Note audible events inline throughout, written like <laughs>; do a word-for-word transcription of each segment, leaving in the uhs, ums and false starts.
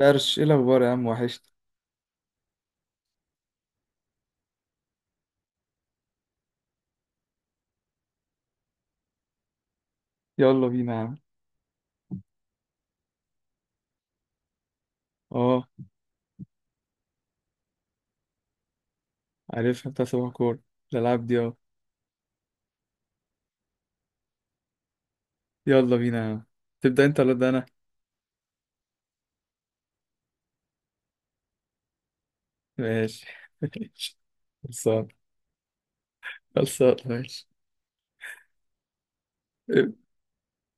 درش ايه الاخبار يا عم؟ وحشت. يلا بينا يا عم. اه، عارفها بتاع صباح كور. الالعاب دي، اه. يلا بينا يا عم. تبدا انت ولا ابدا انا؟ ماشي <laughs> ماشي. خلصان. خلصان ماشي. إب-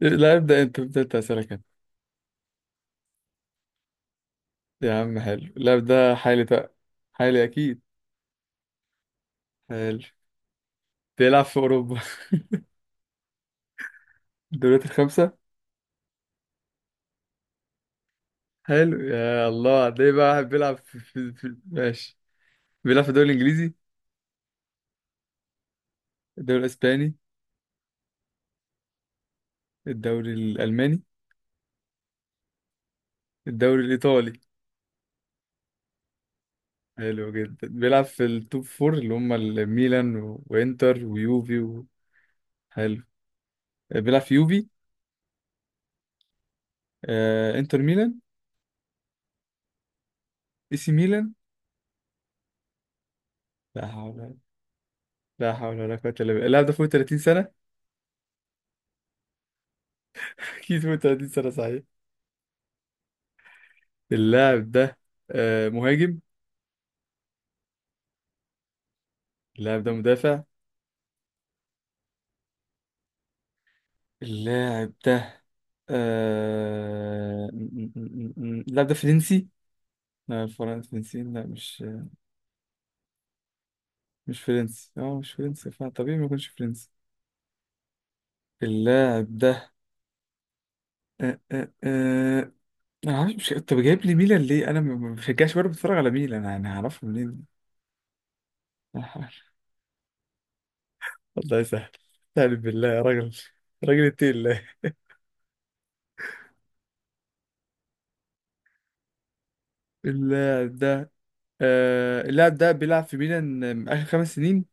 لا، ابدا انت، ابدا انت، اسالك أنا. يا عم حلو، اللاعب ده حالي بقى. حالي اكيد. حلو. بيلعب في اوروبا. <laughs> الدوريات الخمسه. حلو، يا الله. ده بقى واحد بيلعب في, في, في ماشي. بيلعب في الدوري الانجليزي؟ الدوري الاسباني؟ الدوري الالماني؟ الدوري الايطالي؟ حلو جدا. بيلعب في التوب فور اللي هم الميلان و- وانتر ويوفي و... حلو. آه، بيلعب في يوفي؟ آه، انتر ميلان؟ اي سي ميلان. لا حول. لا حول ولا قوة الا بالله. اللاعب ده فوق ثلاثين سنة؟ <laughs> اكيد فوق ثلاثين سنة صحيح. اللاعب ده آه، مهاجم؟ اللاعب ده مدافع؟ اللاعب ده آه، م- م- م- م- م- اللاعب ده فرنسي؟ لا، الفرنسي فرنسيين، لا مش. مش فرنسي، اه مش فرنسي، فطبيعي ما يكونش فرنسي. اللاعب ده آه، آه، آه، انا عارف مش. طب جايب لي ميلان ليه؟ انا ما ما بشجعش، برضه بتفرج على ميلان، انا هعرفه منين؟ <laughs> الله يسهل. تعالى بالله يا راجل. راجل، اتقي الله. اللاعب ده آه... اللاعب ده بيلعب في ميلان آم، اخر خمس سنين.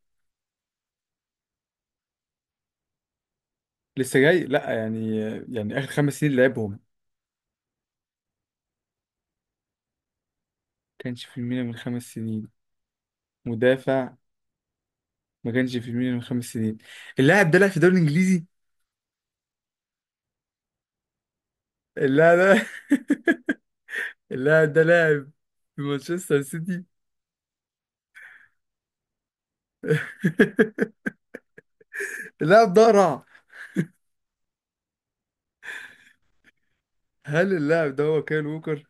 لسه جاي، لا يعني، يعني اخر خمس سنين لعبهم. كانش في ميلان من خمس سنين؟ مدافع. ما كانش في ميلان من خمس سنين. اللاعب ده لعب في الدوري الانجليزي. اللاعب ده <laughs> اللاعب ده لاعب في مانشستر سيتي. <laughs> اللاعب ده رع. هل اللاعب ده هو كايل ووكر؟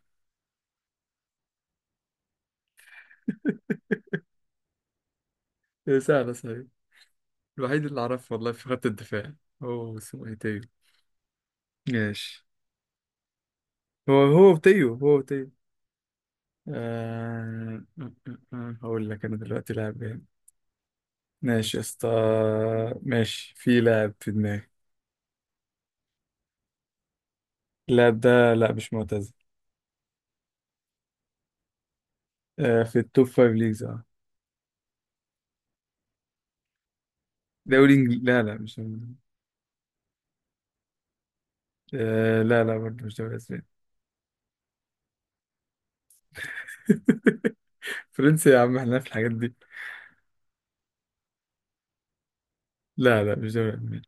سهلة صحيح. الوحيد اللي أعرفه والله في خط الدفاع. هو اسمه إيه، تيو؟ ماشي. هو هو تيو، هو تيو. آه... آه، آه، هقول لك أنا دلوقتي لاعب جامد. ماشي يا اسطى. ماشي، في لاعب في دماغي. اللاعب ده لا، مش معتزل. آه، في التوب فايف ليجز، اه. دوري إنجليزي، لا لا مش. آه لا، لا برضه مش دوري أسباني. <laughs> فرنسي؟ يا عم احنا في الحاجات دي. لا لا، مش دوري ألماني.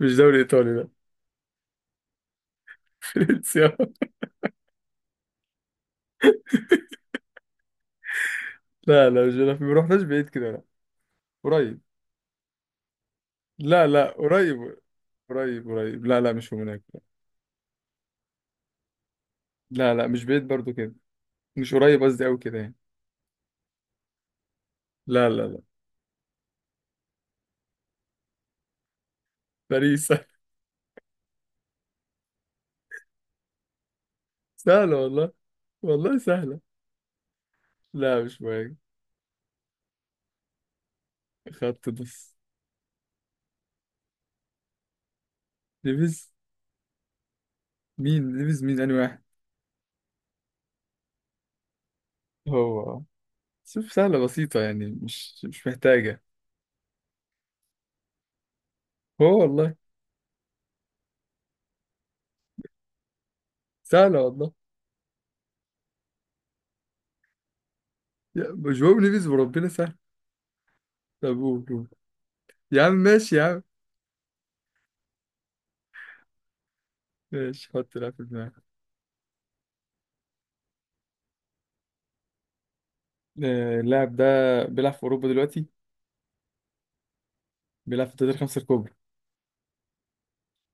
مش دوري إيطالي، لا. <laughs> فرنسي آه. لا لا مش، لا ما رحناش بعيد كده، لا. قريب. لا لا، قريب. قريب قريب، لا لا مش هناك. لا لا، مش بعيد برضو كده. مش قريب قصدي قوي كده يعني. لا لا لا. باريس <laughs> سهل- سهلة والله. والله سهلة. لا، مش مهم. خط نص. ليفيز؟ مين ليفيز؟ مين أنهي واحد؟ هو؟ شوف، سهلة بسيطة، يعني مش مش محتاجة. هو والله. سهلة والله. يا- جواو ليفيز، وربنا سهل. طب قول، قول. يا عم ماشي يا عم. ماشي، حط لاعب في دماغك. آه، اللاعب ده بيلعب في أوروبا دلوقتي. بيلعب في الدوري الخمسة الكبرى.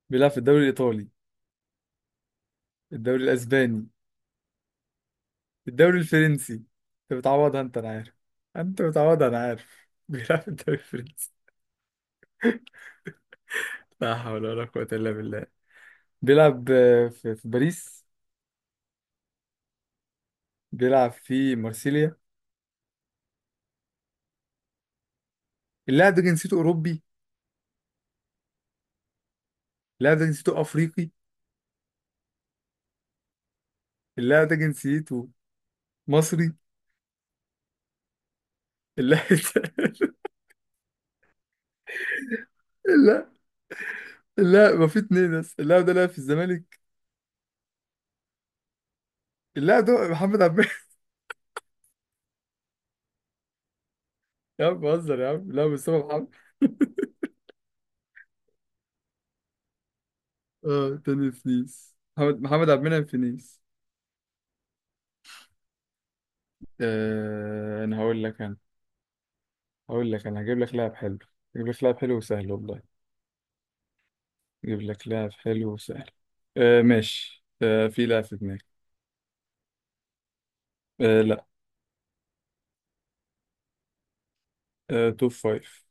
بيلعب في الدوري الإيطالي؟ الدوري الأسباني؟ الدوري الفرنسي. أنت بتعوضها، أنت، أنا عارف. أنت بتعوضها، أنا عارف. <laughs> بيلعب في الدوري الفرنسي. لا حول ولا قوة إلا بالله. بيلعب آه، في في باريس؟ بيلعب في مارسيليا؟ اللاعب ده جنسيته أوروبي؟ اللاعب ده جنسيته أفريقي؟ اللاعب ده جنسيته مصري. اللاعب ده <laughs> لا لا، ما في اتنين، بس اللاعب ده لعب في الزمالك. اللاعب ده محمد عبد. <laughs> يا عم بهزر يا عم، لا مصطفى محمد. اه، تاني في نيس، محمد، محمد عبد المنعم في نيس. آه انا هقول لك، انا هقول لك، انا هجيب لك لاعب حلو. هجيب لك لاعب حلو وسهل والله. هجيب لك لاعب حلو وسهل. آه ماشي، آه في لاعب في دماغي. آه لا. آه توب فايف.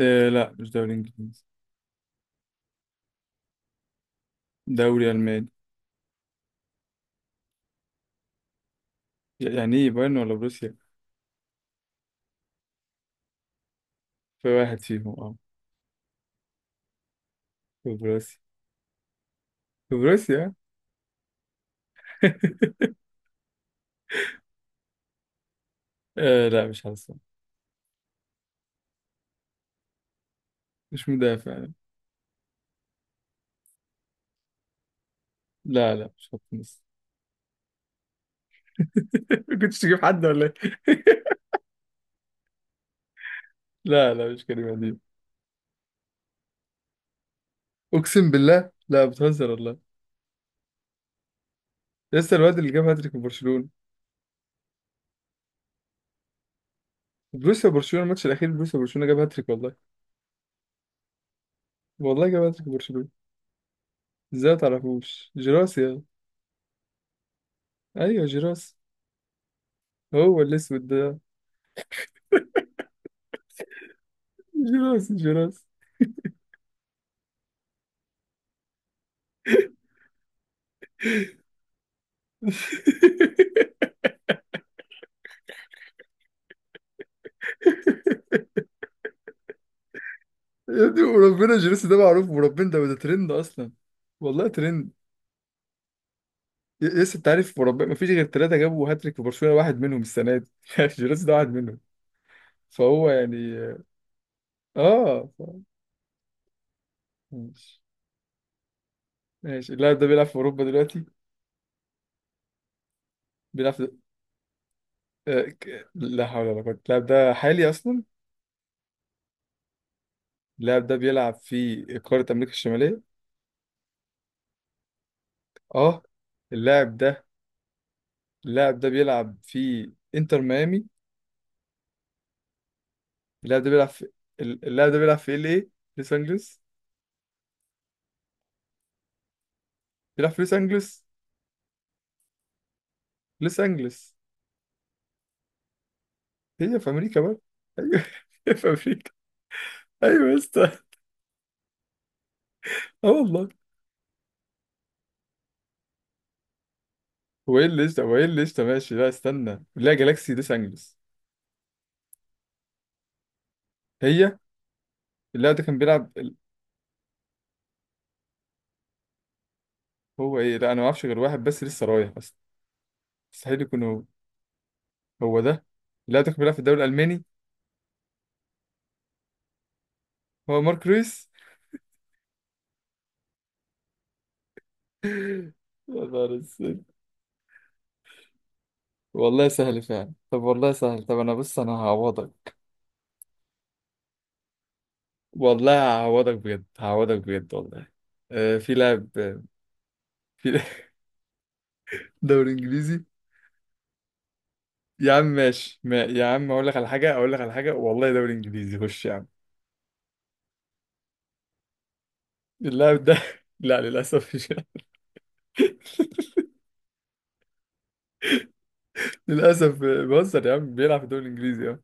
آه لا، مش دوري انجليزي. دوري الماني. يعني ايه بايرن ولا بروسيا؟ في واحد فيهم، اه. في بروسيا. في بروسيا. <laughs> آه لا، مش حاسس. مش مدافع. لا لا، مش خط نص. <laughs> كنتش تجيب حد ولا ايه؟ <laughs> لا لا، مش كريم أديب. اقسم بالله لا، بتهزر والله. لسه الواد اللي جاب هاتريك في برشلونه. بروسيا برشلونه، الماتش الاخير بروسيا برشلونه، جاب هاتريك والله. والله جاب هاتريك في برشلونه. ازاي ما تعرفوش جيراس؟ يا ايوه جيراس. هو الاسود ده. جيراس، جيراس. <laughs> يا ابني، وربنا جيراس ده معروف، وربنا ده ده ترند اصلا. والله ترند. ي- لسه انت عارف، وربنا ما فيش غير ثلاثه جابوا هاتريك في برشلونه، واحد منهم السنه دي. <laughs> جيراس ده واحد منهم. فهو يعني، اه ف... ماشي. ماشي، اللاعب ده بيلعب في اوروبا دلوقتي. بيلعب في آه، ك- لا حول ولا قوة. اللاعب ده حالي أصلا. اللاعب ده بيلعب في قارة أمريكا الشمالية. اه. اللاعب ده. اللاعب ده بيلعب في إنتر ميامي. اللاعب ده بيلعب في ال- اللاعب ده بيلعب في ال ايه، لوس أنجلوس. بيلعب في لوس أنجلوس. لوس أنجلوس هي في أمريكا بقى. أيوه <laughs> هي في أمريكا. أيوه يا اسطى، اه والله. هو ايه اللي قشطة؟ هو ايه اللي قشطة ماشي؟ لا استنى، لا، جالاكسي لوس أنجلوس. هي. اللاعب ده كان بيلعب ال- هو ايه؟ لا أنا ما أعرفش غير واحد بس لسه رايح، بس مستحيل يكون هو. هو ده. لا تكمل. بيلعب في الدوري الألماني. هو مارك رويس. <laughs> يا نهار اسود. والله سهل فعلا. طب والله سهل. طب انا بص، انا هعوضك. والله. هعوضك بجد، هعوضك بجد والله. آه، في لاعب. في <laughs> لاعب. دوري انجليزي. يا عم ماشي، ما يا عم اقول لك على حاجه، اقول لك على حاجه والله. دوري انجليزي. خش يا عم. اللاعب ده <laughs> لا، للاسف مش. <laughs> للاسف، آه، بهزر يا عم. بيلعب في الدوري الانجليزي، اه.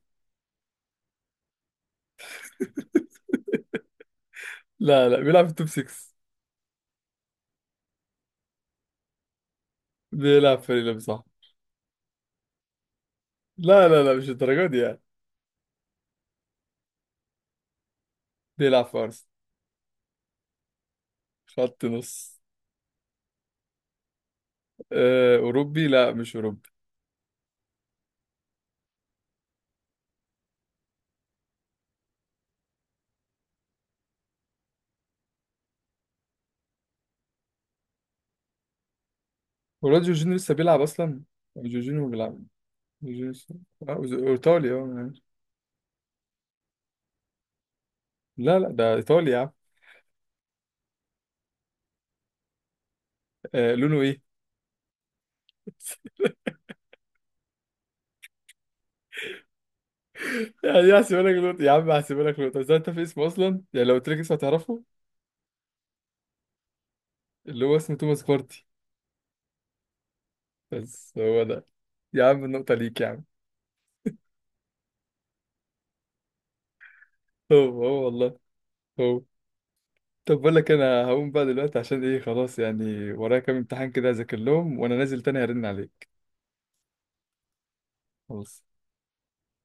لا لا، بيلعب في التوب سيكس. بيلعب في فريق صح. لا لا لا، مش الدرجه دي يعني. بيلعب في ارسنال. خط نص. آه، أوروبي، لا، مش أوروبي. ولاد جورجينيو لسه بيلعب أصلا. جورجينيو بيلعب. جورجينيو لسه- آه، ز- إيطالي أه. لا لا، ده إيطالي يا عم. آه، لونه إيه؟ <laughs> يعني هحسبها لك نقطة. يا عم هحسبها لك نقطة، بس أنت في اسمه أصلا، يعني لو قلت لك اسمه هتعرفه. اللي هو اسمه توماس بارتي. بس هو ده. يا عم النقطة ليك يا عم. هو. هو والله. هو. طب بقول لك، أنا هقوم بقى دلوقتي عشان إيه؟ خلاص يعني، ورايا كام امتحان كده أذاكر لهم، وأنا نازل تاني هرن عليك. خلاص.